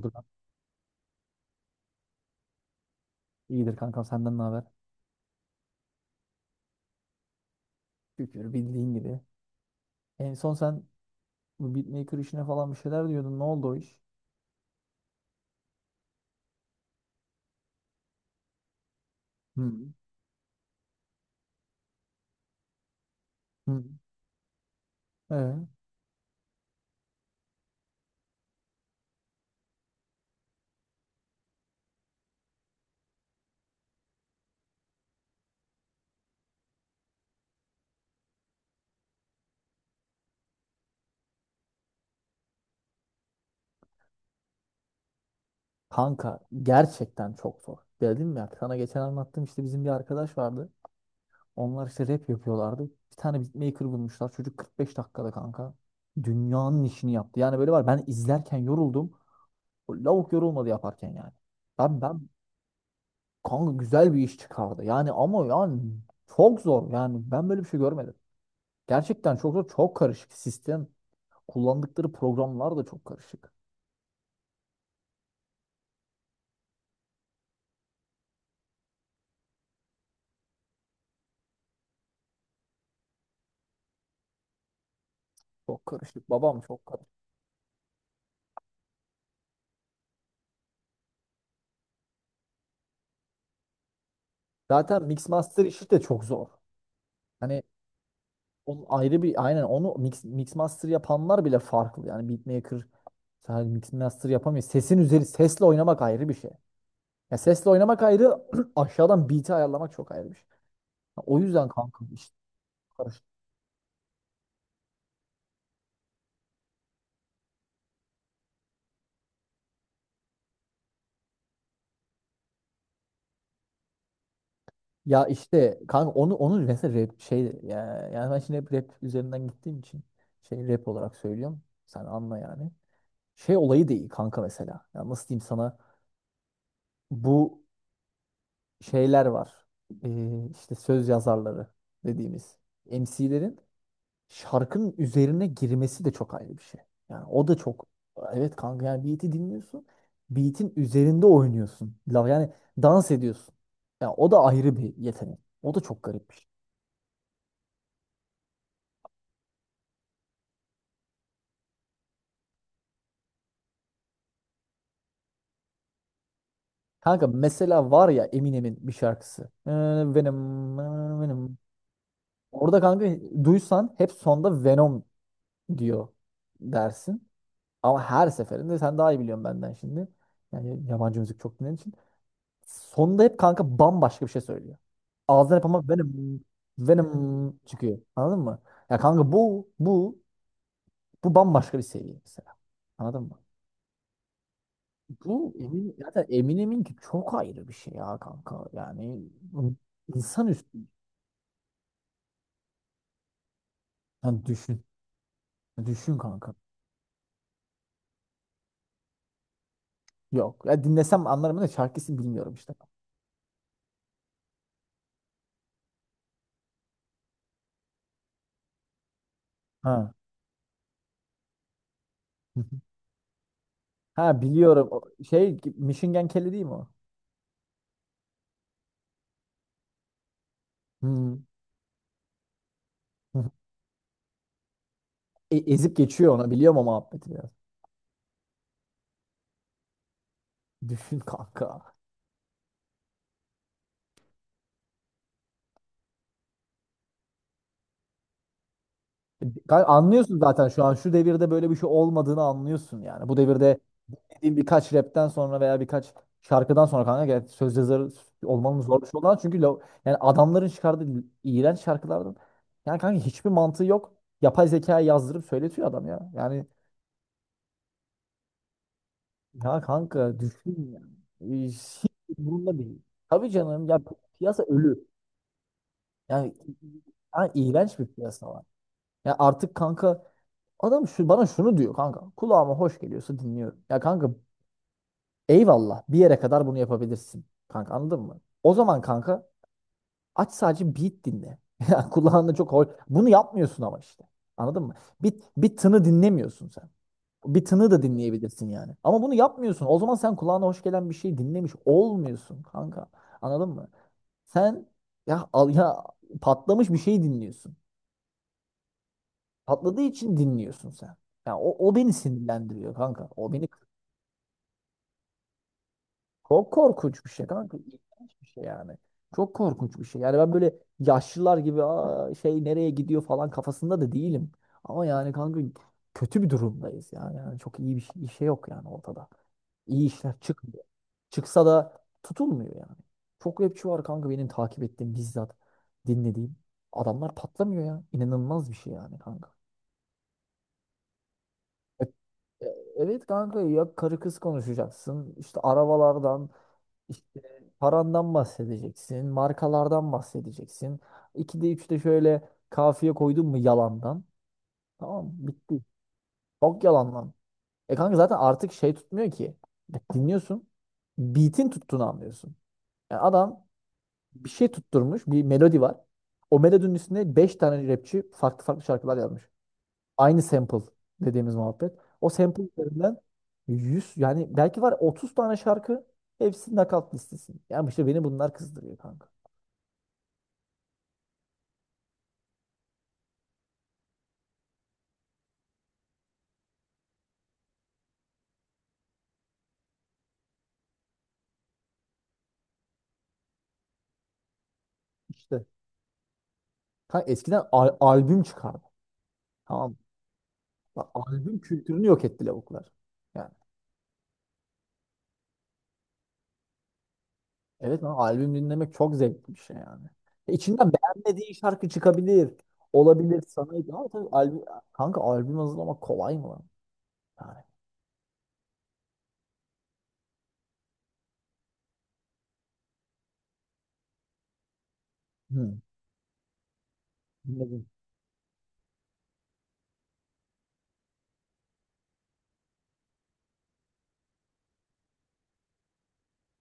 Dur lan. İyidir kanka, senden ne haber? Şükür bildiğin gibi. En son sen bu beatmaker işine falan bir şeyler diyordun. Ne oldu o iş? Hı. Hı. Ee? Kanka gerçekten çok zor. Dedim ya sana geçen anlattım, işte bizim bir arkadaş vardı. Onlar işte rap yapıyorlardı. Bir tane beatmaker bulmuşlar. Çocuk 45 dakikada kanka dünyanın işini yaptı. Yani böyle var, ben izlerken yoruldum. O lavuk yorulmadı yaparken yani. Ben ben Kanka güzel bir iş çıkardı. Yani ama yani çok zor. Yani ben böyle bir şey görmedim. Gerçekten çok zor, çok karışık sistem. Kullandıkları programlar da çok karışık. Çok karışık. Babam çok karışık. Zaten mix master işi de çok zor. Hani onun ayrı bir aynen onu mix master yapanlar bile farklı. Yani beatmaker sadece mix master yapamıyor. Sesin üzeri, sesle oynamak ayrı bir şey. Ya sesle oynamak ayrı, aşağıdan beat'i ayarlamak çok ayrı bir şey. Ya o yüzden kanka işte karışık. Ya işte kanka onu mesela rap şey ya, yani ben şimdi hep rap üzerinden gittiğim için şey, rap olarak söylüyorum. Sen anla yani. Şey olayı değil kanka mesela. Ya nasıl diyeyim sana? Bu şeyler var. İşte söz yazarları dediğimiz MC'lerin şarkının üzerine girmesi de çok ayrı bir şey. Yani o da çok. Evet kanka, yani beat'i dinliyorsun. Beat'in üzerinde oynuyorsun. Yani dans ediyorsun. Ya o da ayrı bir yetenek. O da çok garip bir şey. Kanka mesela var ya, Eminem'in bir şarkısı. Venom, Venom. Orada kanka duysan, hep sonda Venom diyor dersin. Ama her seferinde, sen daha iyi biliyorsun benden şimdi, yani yabancı müzik çok dinlediğin için, sonunda hep kanka bambaşka bir şey söylüyor. Ağzından hep ama Venom, Venom çıkıyor. Anladın mı? Ya kanka bu bambaşka bir seviye mesela. Anladın mı? Zaten Eminem'in ki çok ayrı bir şey ya kanka. Yani bu insan üstü. Yani düşün. Düşün kanka. Yok. Ya dinlesem anlarım da şarkısını bilmiyorum işte. Ha. Ha, biliyorum. O şey, Michigan Kelly değil mi o? Hmm. Hı. Ezip geçiyor ona, biliyorum o muhabbeti biraz. Düşün kanka. Kanka anlıyorsun zaten, şu an şu devirde böyle bir şey olmadığını anlıyorsun yani. Bu devirde dediğim birkaç rapten sonra veya birkaç şarkıdan sonra kanka, gel söz yazarı olmanın zor bir şey olan çünkü yani adamların çıkardığı iğrenç şarkılardan yani kanka hiçbir mantığı yok. Yapay zekaya yazdırıp söyletiyor adam ya. Yani ya kanka düşün ya. Hiç umurumda değil. Tabii canım ya, piyasa ölü. Yani, yani iğrenç bir piyasa var. Ya artık kanka, adam şu, bana şunu diyor kanka: kulağıma hoş geliyorsa dinliyorum. Ya kanka eyvallah, bir yere kadar bunu yapabilirsin. Kanka anladın mı? O zaman kanka, aç sadece beat dinle. Ya kulağında çok hoş. Bunu yapmıyorsun ama işte. Anladın mı? Bir tını dinlemiyorsun sen. Bir tını da dinleyebilirsin yani. Ama bunu yapmıyorsun. O zaman sen kulağına hoş gelen bir şey dinlemiş olmuyorsun kanka. Anladın mı? Sen ya al, ya patlamış bir şey dinliyorsun. Patladığı için dinliyorsun sen. Ya o beni sinirlendiriyor kanka. O beni çok korkunç bir şey kanka. İlginç bir şey yani. Çok korkunç bir şey. Yani ben böyle yaşlılar gibi şey nereye gidiyor falan kafasında da değilim. Ama yani kanka, kötü bir durumdayız yani. Yani çok iyi bir şey yok yani ortada. İyi işler çıkmıyor. Çıksa da tutulmuyor yani. Çok rapçi var kanka benim takip ettiğim, bizzat dinlediğim. Adamlar patlamıyor ya. İnanılmaz bir şey yani kanka. E- Evet kanka, ya karı kız konuşacaksın. İşte arabalardan, işte parandan bahsedeceksin, markalardan bahsedeceksin. İkide üçte şöyle kafiye koydun mu yalandan, tamam bitti. Çok yalandan. Kanka zaten artık şey tutmuyor ki. Dinliyorsun. Beat'in tuttuğunu anlıyorsun. Yani adam bir şey tutturmuş, bir melodi var. O melodinin üstüne 5 tane rapçi farklı farklı şarkılar yazmış. Aynı sample dediğimiz muhabbet. O sample üzerinden 100, yani belki var 30 tane şarkı, hepsi nakalt listesi. Yani işte beni bunlar kızdırıyor kanka. İşte kanka eskiden albüm çıkardı. Tamam. Ya albüm kültürünü yok etti lavuklar. Yani evet, ama albüm dinlemek çok zevkli bir şey yani. İçinden beğenmediğin şarkı çıkabilir. Olabilir sana, ama tabii albüm, kanka albüm hazırlamak kolay mı lan? Yani. Hı, dinledim.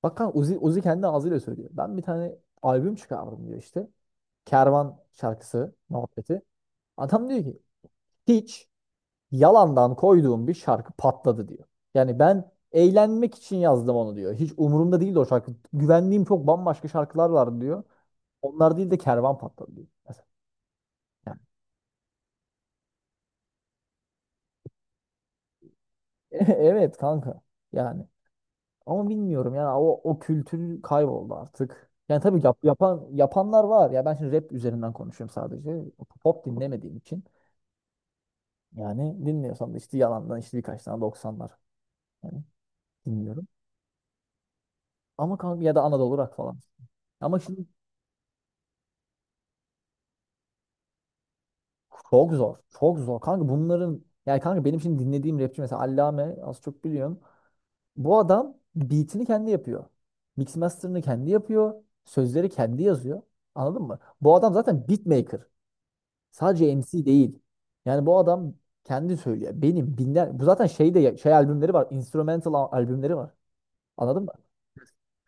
Bak kanka, Uzi, Uzi kendi ağzıyla söylüyor. Ben bir tane albüm çıkardım diyor işte. Kervan şarkısı muhabbeti. Adam diyor ki hiç yalandan koyduğum bir şarkı patladı diyor. Yani ben eğlenmek için yazdım onu diyor. Hiç umurumda değildi o şarkı. Güvendiğim çok bambaşka şarkılar vardı diyor. Onlar değil de kervan patladı diyor. Mesela. Yani, evet kanka. Yani ama bilmiyorum yani o kültür kayboldu artık. Yani tabii yapan yapanlar var. Ya ben şimdi rap üzerinden konuşuyorum sadece. Pop dinlemediğim için. Yani dinliyorsam da işte yalandan işte birkaç tane doksanlar, yani dinliyorum. Ama kanka ya da Anadolu rock falan. Ama şimdi çok zor. Çok zor. Kanka bunların yani, kanka benim şimdi dinlediğim rapçi mesela Allame, az çok biliyorsun. Bu adam beatini kendi yapıyor. Mix master'ını kendi yapıyor. Sözleri kendi yazıyor. Anladın mı? Bu adam zaten beatmaker. Sadece MC değil. Yani bu adam kendi söylüyor. Benim binler bu zaten şey de şey, albümleri var. Instrumental albümleri var. Anladın mı?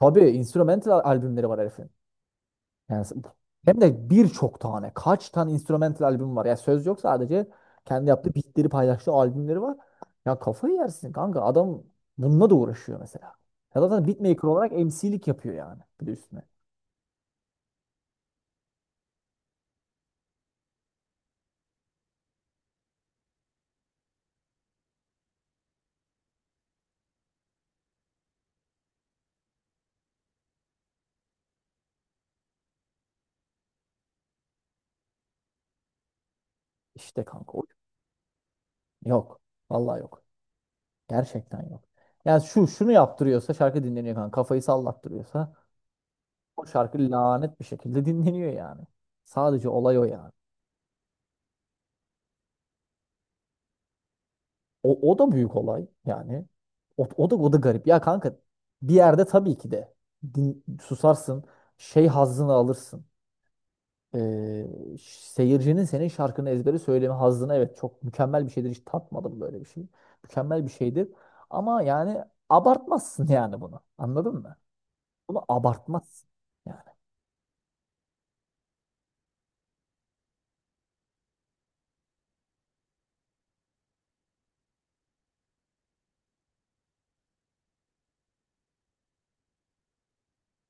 Tabii instrumental albümleri var herifin. Yani hem de birçok tane, kaç tane instrumental albüm var. Ya söz yok, sadece kendi yaptığı beatleri paylaştığı albümleri var. Ya kafayı yersin kanka, adam bununla da uğraşıyor mesela. Ya zaten beatmaker olarak MC'lik yapıyor yani bir de üstüne. İşte kanka o yok. Vallahi yok. Gerçekten yok. Yani şu şunu yaptırıyorsa şarkı dinleniyor kanka. Kafayı sallattırıyorsa o şarkı lanet bir şekilde dinleniyor yani. Sadece olay o yani. O da büyük olay yani. O da garip. Ya kanka bir yerde tabii ki de susarsın. Şey hazzını alırsın. Ee, Seyircinin senin şarkını ezbere söyleme hazzını, evet, çok mükemmel bir şeydir. Hiç tatmadım böyle bir şey. Mükemmel bir şeydir. Ama yani abartmazsın yani bunu. Anladın mı? Bunu abartmazsın. Yani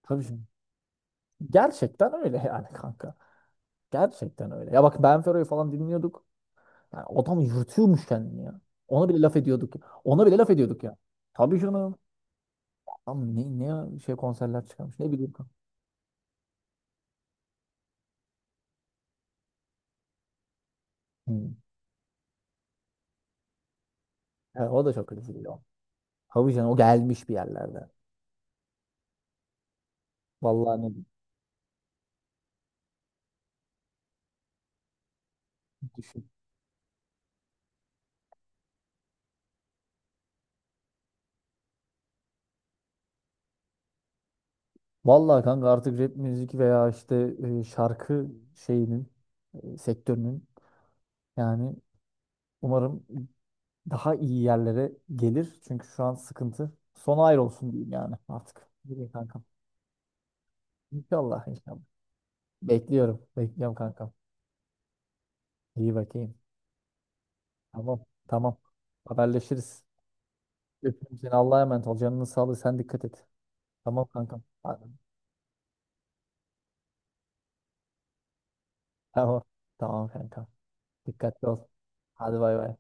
tabii şimdi. Gerçekten öyle yani kanka. Gerçekten öyle. Ya bak, Ben Fero'yu falan dinliyorduk. Yani adam yırtıyormuş kendini ya. Ona bile laf ediyorduk ya. Ona bile laf ediyorduk ya. Tabii canım. Adam ne ya, şey konserler çıkarmış ne bileyim. Hmm. Evet, o da çok kötü değil o. Tabii canım, o gelmiş bir yerlerde. Vallahi ne düşün. Vallahi kanka artık rap müzik veya işte şarkı şeyinin sektörünün, yani umarım daha iyi yerlere gelir. Çünkü şu an sıkıntı. Sona ayrı olsun diyeyim yani artık. Ne diyeyim kankam. İnşallah, inşallah. Bekliyorum. Bekliyorum kankam. İyi bakayım. Tamam. Tamam. Haberleşiriz. Öpüyorum seni. Allah'a emanet ol. Canının sağlığı. Sen dikkat et. Tamam kankam. Hadi. Tamam. Tamam kankam. Dikkatli ol. Hadi bay bay.